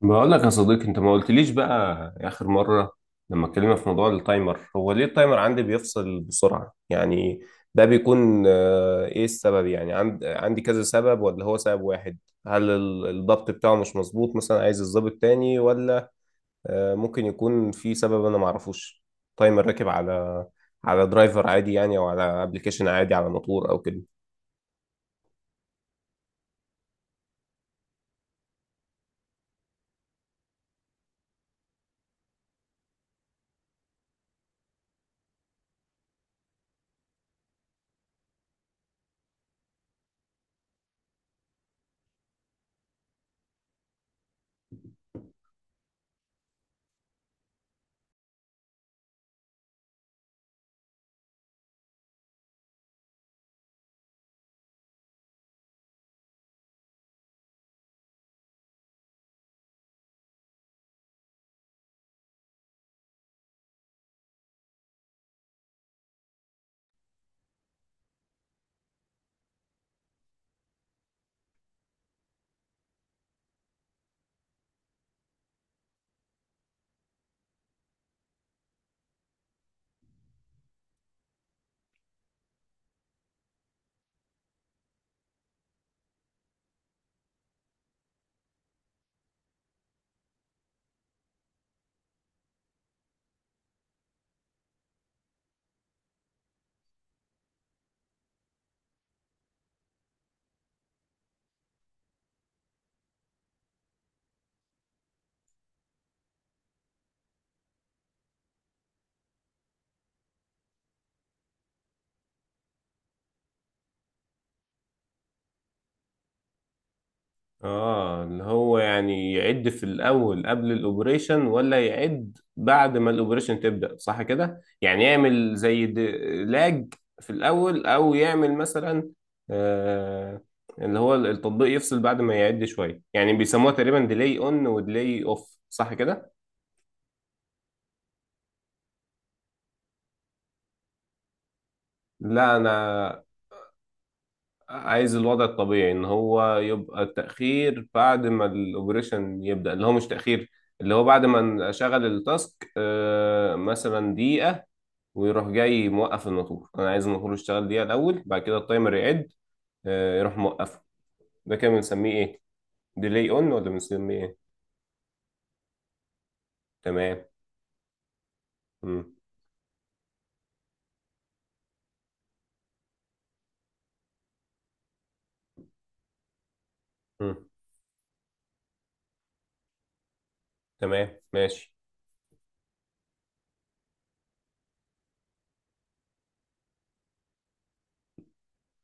بقول لك يا صديقي، انت ما قلتليش بقى. اخر مره لما اتكلمنا في موضوع التايمر، هو ليه التايمر عندي بيفصل بسرعه يعني؟ ده بيكون ايه السبب؟ يعني عندي كذا سبب ولا هو سبب واحد؟ هل الضبط بتاعه مش مظبوط، مثلا عايز الضبط تاني، ولا ممكن يكون في سبب انا ما اعرفوش؟ تايمر راكب على درايفر عادي يعني، او على ابلكيشن عادي، على موتور او كده. اه، اللي هو يعني يعد في الاول قبل الاوبريشن، ولا يعد بعد ما الاوبريشن تبدا، صح كده؟ يعني يعمل زي لاج في الاول، او يعمل مثلا آه اللي هو التطبيق يفصل بعد ما يعد شويه. يعني بيسموها تقريبا ديلي اون وديلي اوف، صح كده؟ لا، انا عايز الوضع الطبيعي ان هو يبقى تاخير بعد ما الاوبريشن يبدا، اللي هو مش تاخير، اللي هو بعد ما اشغل التاسك مثلا دقيقه. ويروح جاي موقف الموتور، انا عايز الموتور يشتغل دقيقه الاول، بعد كده التايمر يعد يروح موقفه. ده كده بنسميه ايه، ديلي اون ولا بنسميه ايه؟ تمام. مم. مم. تمام، ماشي.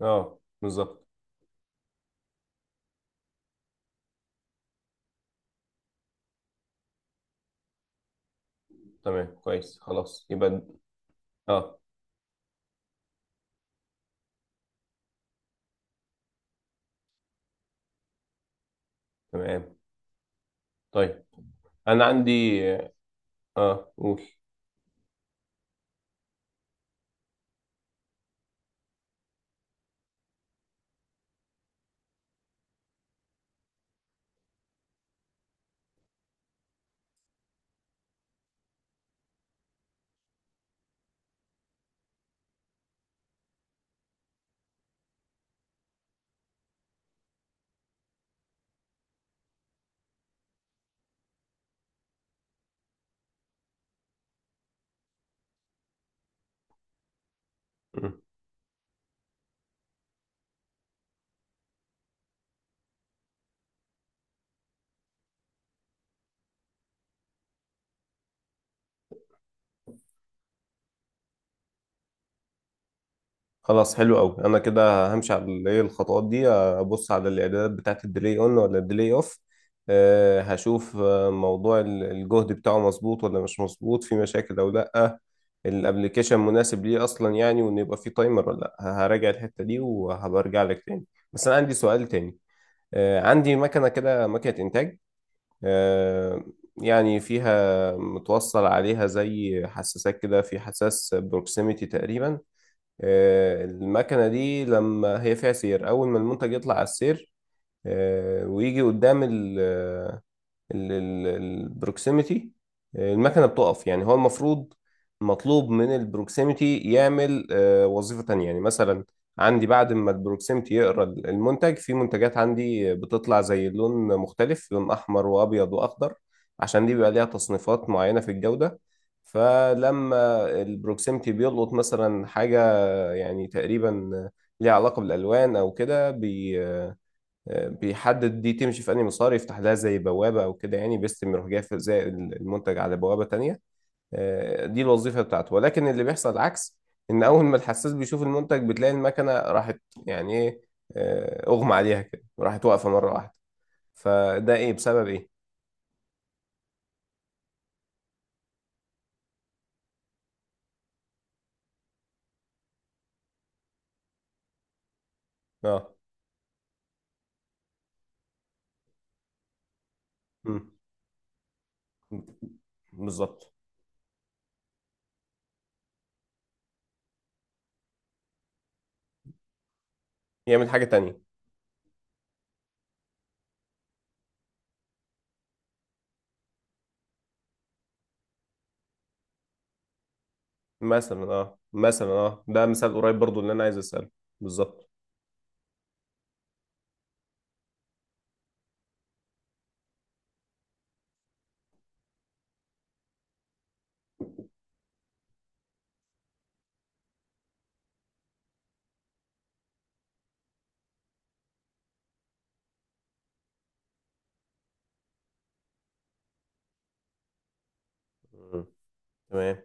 اه، بالظبط. تمام كويس، خلاص يبقى اه، تمام. طيب، انا عندي قول. خلاص، حلو قوي. انا كده همشي على ايه الخطوات دي، ابص على الاعدادات بتاعت الديلي اون ولا الديلي اوف. هشوف موضوع الجهد بتاعه مظبوط ولا مش مظبوط، في مشاكل او لا. الابليكيشن مناسب ليه اصلا يعني، وان يبقى فيه تايمر ولا لا. هراجع الحتة دي وهبقى ارجع لك تاني. بس انا عندي سؤال تاني. عندي مكنة كده، مكنة انتاج. أه يعني فيها متوصل عليها زي حساسات كده، في حساس بروكسيميتي تقريبا. المكنة دي لما هي فيها سير، أول ما المنتج يطلع على السير ويجي قدام ال آه، ال- ال- البروكسيميتي، المكنة بتقف. يعني هو المفروض مطلوب من البروكسيميتي يعمل وظيفة تانية. يعني مثلا عندي بعد ما البروكسيميتي يقرأ المنتج، في منتجات عندي بتطلع زي لون مختلف، لون أحمر وأبيض وأخضر، عشان دي بيبقى ليها تصنيفات معينة في الجودة. فلما البروكسيمتي بيلقط مثلا حاجة يعني تقريبا ليها علاقة بالألوان أو كده، بيحدد دي تمشي في أنهي مسار، يفتح لها زي بوابة أو كده. يعني بيستلم، يروح جاي زي المنتج على بوابة تانية. دي الوظيفة بتاعته. ولكن اللي بيحصل العكس، إن أول ما الحساس بيشوف المنتج بتلاقي المكنة راحت. يعني إيه؟ أغمى عليها كده، راحت واقفة مرة واحدة. فده إيه، بسبب إيه؟ أه. مم، بالظبط. يعمل حاجة تانية. مثلا مثلا ده مثال قريب برضو اللي أنا عايز أسأله. بالظبط. مم، تمام.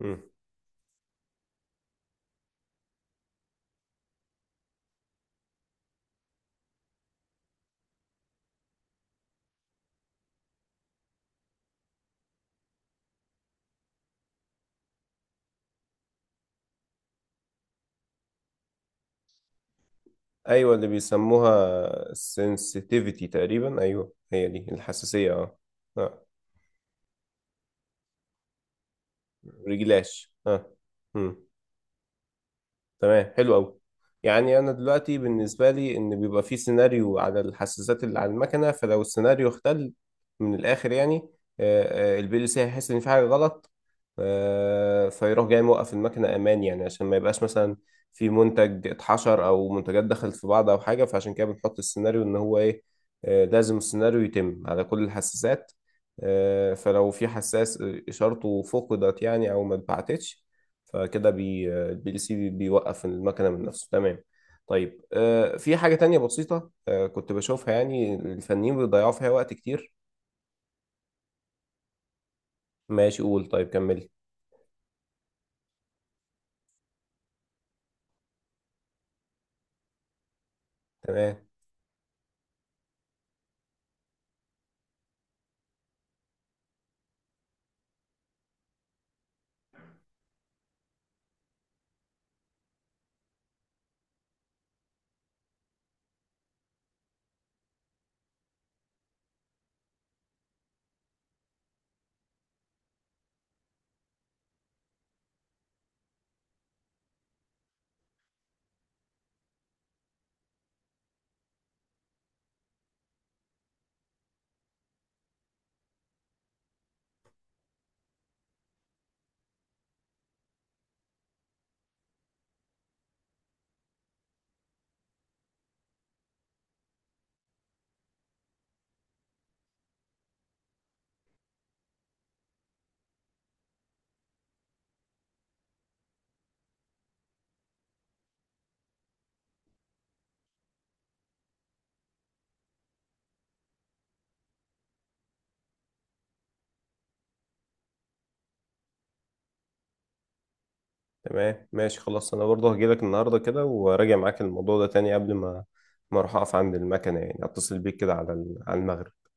مم. ايوه، اللي بيسموها sensitivity تقريبا. ايوه، هي دي الحساسيه، اه. اه. رجلاش، اه. مم. تمام، حلو قوي. يعني انا دلوقتي بالنسبه لي، ان بيبقى في سيناريو على الحساسات اللي على المكنه، فلو السيناريو اختل من الاخر يعني البي ال سي هيحس ان في حاجه غلط، فيروح جاي موقف المكنه امان. يعني عشان ما يبقاش مثلا في منتج اتحشر، او منتجات دخلت في بعض، او حاجه. فعشان كده بنحط السيناريو ان هو ايه، لازم السيناريو يتم على كل الحساسات، فلو في حساس اشارته فقدت يعني، او ما اتبعتتش، فكده بي الPLC بيوقف المكنه من نفسه. تمام. طيب في حاجه تانية بسيطه كنت بشوفها، يعني الفنيين بيضيعوا فيها وقت كتير. ماشي، قول، طيب كملي. تمام. تمام، ماشي، خلاص. انا برضه هجيلك النهارده كده وراجع معاك الموضوع ده تاني، قبل ما اروح اقف عند المكنه. يعني اتصل بيك كده على على المغرب.